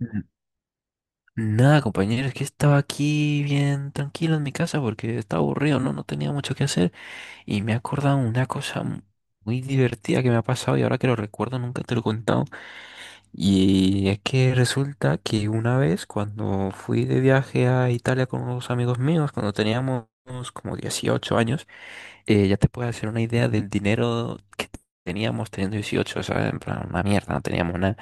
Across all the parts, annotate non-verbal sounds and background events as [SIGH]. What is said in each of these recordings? N- Nada, compañero, es que estaba aquí bien tranquilo en mi casa porque estaba aburrido, ¿no? No tenía mucho que hacer y me he acordado una cosa muy divertida que me ha pasado y ahora que lo recuerdo nunca te lo he contado. Y es que resulta que una vez cuando fui de viaje a Italia con unos amigos míos, cuando teníamos como 18 años, ya te puedes hacer una idea del dinero que teníamos teniendo 18, o sea, en plan, una mierda, no teníamos nada.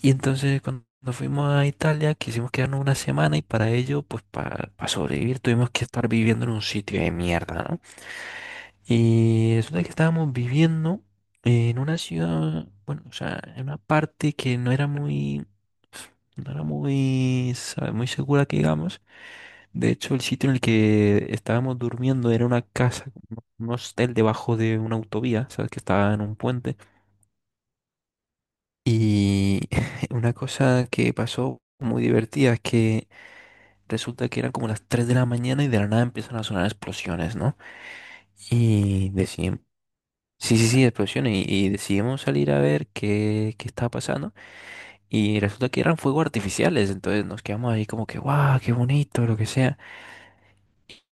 Y entonces cuando fuimos a Italia quisimos quedarnos una semana y para ello, pues para sobrevivir tuvimos que estar viviendo en un sitio de mierda, ¿no? Y resulta que estábamos viviendo en una ciudad, bueno, o sea, en una parte que no era muy, no era muy, sabe, muy segura que digamos. De hecho, el sitio en el que estábamos durmiendo era una casa, un hostel debajo de una autovía, ¿sabes? Que estaba en un puente. Y [LAUGHS] una cosa que pasó muy divertida es que resulta que eran como las 3 de la mañana y de la nada empiezan a sonar explosiones, ¿no? Y decían, sí, sí, sí, explosiones. Y decidimos salir a ver qué, qué estaba pasando. Y resulta que eran fuegos artificiales. Entonces nos quedamos ahí como que, guau, qué bonito, lo que sea.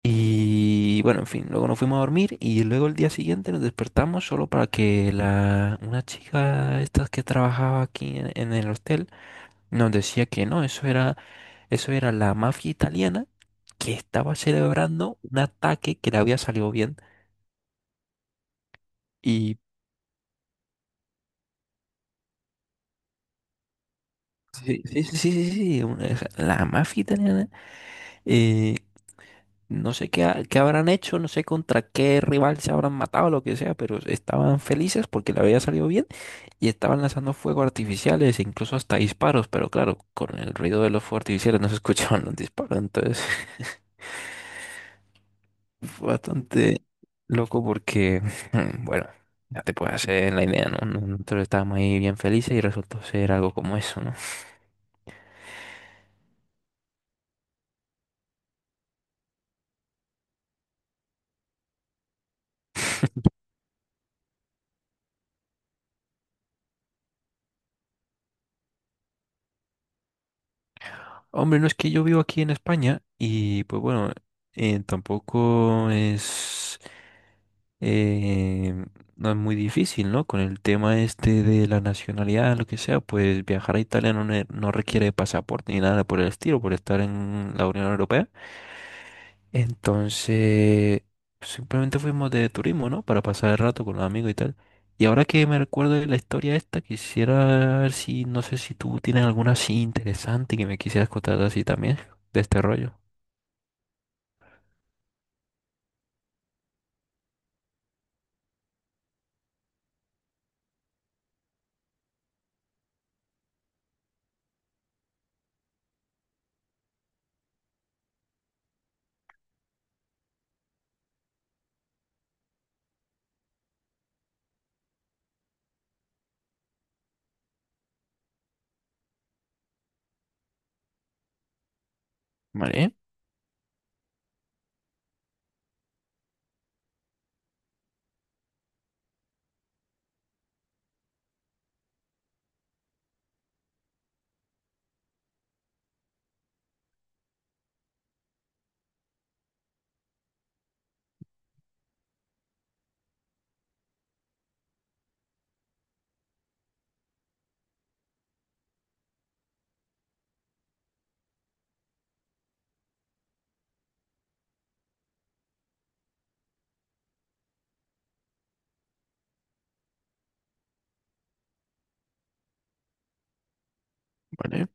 Y bueno, en fin, luego nos fuimos a dormir y luego el día siguiente nos despertamos solo para que una chica, estas que trabajaba aquí en el hotel, nos decía que no, eso era. Eso era la mafia italiana que estaba celebrando un ataque que le había salido bien. Y sí, sí, sí, sí, sí, sí, la mafia italiana, eh, no sé qué, qué habrán hecho, no sé contra qué rival se habrán matado, lo que sea, pero estaban felices porque le había salido bien y estaban lanzando fuegos artificiales, e incluso hasta disparos, pero claro, con el ruido de los fuegos artificiales no se [LAUGHS] escuchaban los disparos, entonces fue bastante loco porque, [LAUGHS] bueno, ya te puedes hacer la idea, ¿no? Nosotros estábamos ahí bien felices y resultó ser algo como eso, ¿no? Hombre, no es que yo vivo aquí en España y pues bueno, tampoco es, eh, no es muy difícil, ¿no? Con el tema este de la nacionalidad, lo que sea, pues viajar a Italia no, no requiere pasaporte ni nada por el estilo, por estar en la Unión Europea. Entonces, simplemente fuimos de turismo, ¿no? Para pasar el rato con los amigos y tal. Y ahora que me recuerdo de la historia esta, quisiera ver si, no sé si tú tienes alguna así interesante que me quisieras contar así también, de este rollo. Vale, vale.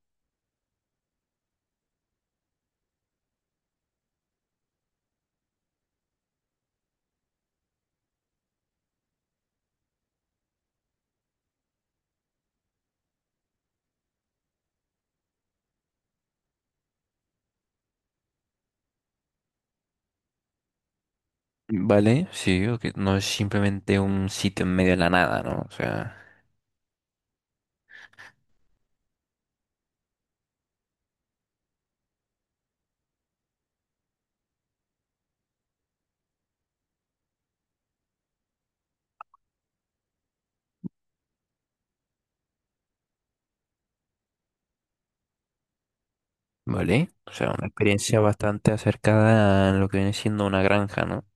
Vale, sí, o que no es simplemente un sitio en medio de la nada, ¿no? O sea, vale, o sea, una experiencia bastante acercada a lo que viene siendo una granja, ¿no?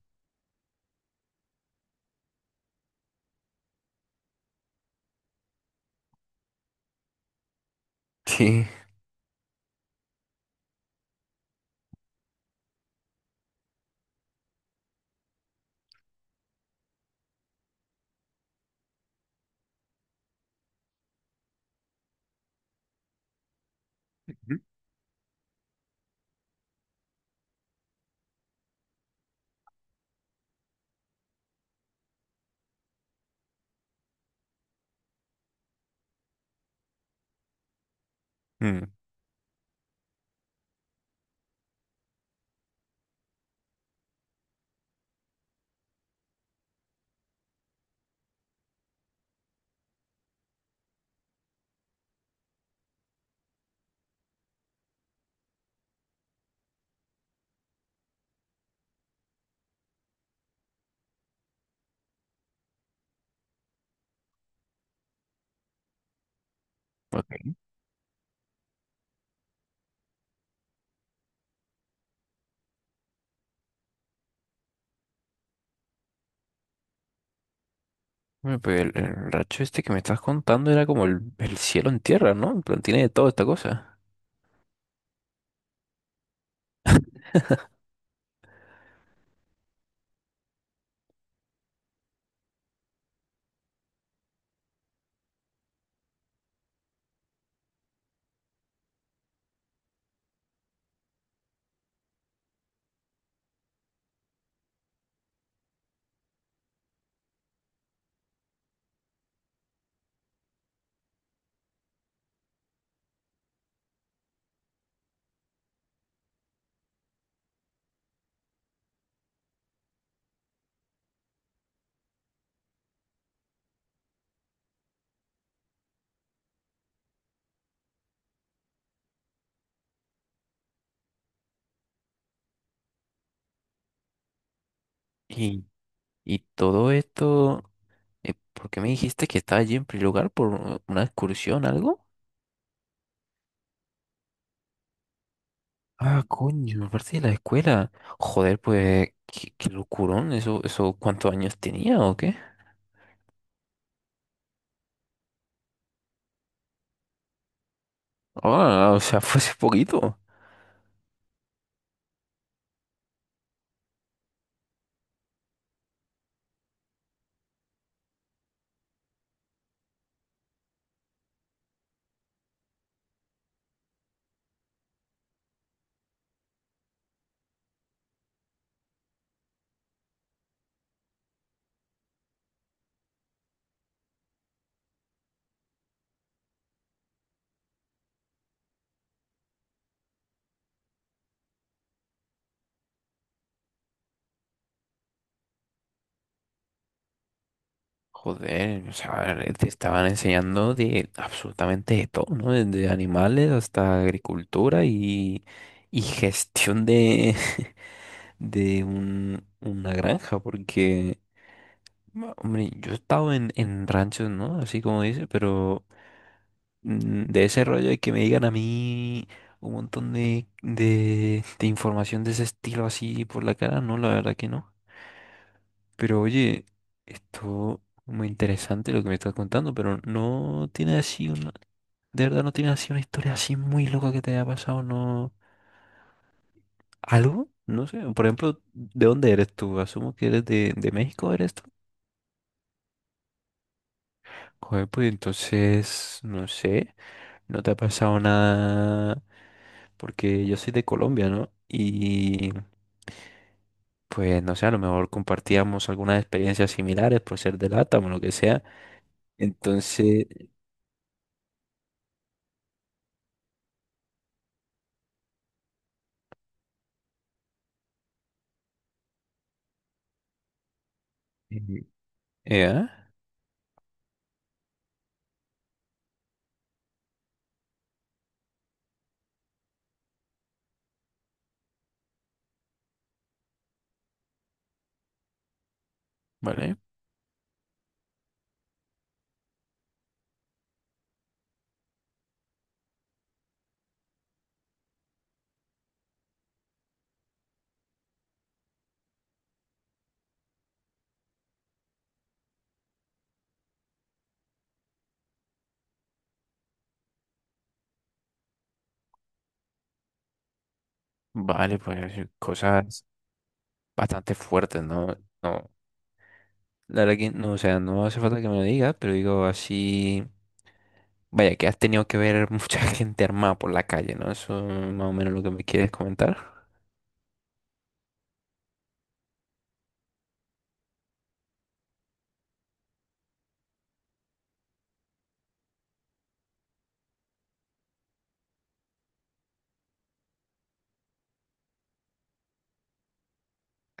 Sí. [LAUGHS] Ujú. Mm, ok. Bueno, pues el racho este que me estás contando era como el cielo en tierra, ¿no? En plan, tiene de toda esta cosa. Y, y todo esto, ¿por qué me dijiste que estaba allí en primer lugar por una excursión, algo? Ah, coño, aparte de la escuela. Joder, pues, qué, qué locurón, eso, ¿cuántos años tenía o qué? Ah, o sea, [LAUGHS] fue hace poquito. Joder, o sea, te estaban enseñando de absolutamente de todo, ¿no? Desde animales hasta agricultura y gestión de, [LAUGHS] de una granja, porque, hombre, yo he estado en ranchos, ¿no? Así como dice, pero mm, de ese rollo de que me digan a mí un montón de información de ese estilo así por la cara, no, la verdad que no. Pero oye, esto muy interesante lo que me estás contando, pero no tiene así una, de verdad no tiene así una historia así muy loca que te haya pasado, ¿no? ¿Algo? No sé, por ejemplo, ¿de dónde eres tú? Asumo que eres de México, ¿eres tú? Joder, pues entonces, no sé, no te ha pasado nada, porque yo soy de Colombia, ¿no? Y pues no sé, a lo mejor compartíamos algunas experiencias similares por ser de LATAM o lo que sea. Entonces, eh, ¿eh? Vale, vale, pues cosas bastante fuertes, ¿no? No, la verdad que no, o sea, no hace falta que me lo digas, pero digo así, vaya, que has tenido que ver [LAUGHS] mucha gente armada por la calle, ¿no? Eso es más o menos lo que me quieres comentar.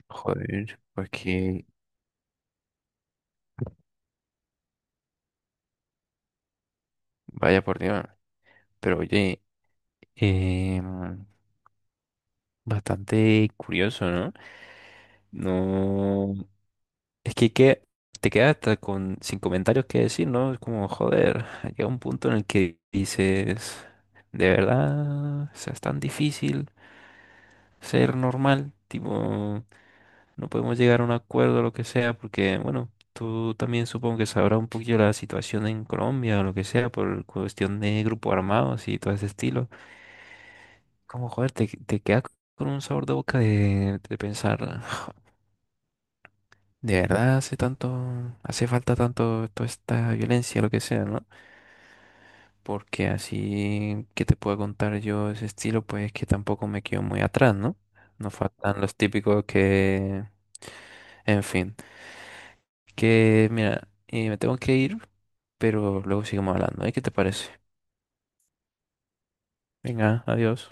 Joder, pues que, vaya por Dios, pero oye, em, bastante curioso, ¿no? No, es que te quedas hasta con, sin comentarios que decir, ¿no? Es como, joder, llega un punto en el que dices, de verdad, o sea, es tan difícil ser normal, tipo, no podemos llegar a un acuerdo o lo que sea, porque, bueno, tú también supongo que sabrás un poquillo la situación en Colombia o lo que sea, por cuestión de grupos armados y todo ese estilo. Como, joder, te quedas con un sabor de boca de pensar, de verdad hace tanto, hace falta tanto toda esta violencia, lo que sea, ¿no? Porque así que te puedo contar yo ese estilo, pues que tampoco me quedo muy atrás, ¿no? Nos faltan los típicos que... En fin, que mira, me tengo que ir, pero luego seguimos hablando, ¿eh? ¿Qué te parece? Venga, adiós.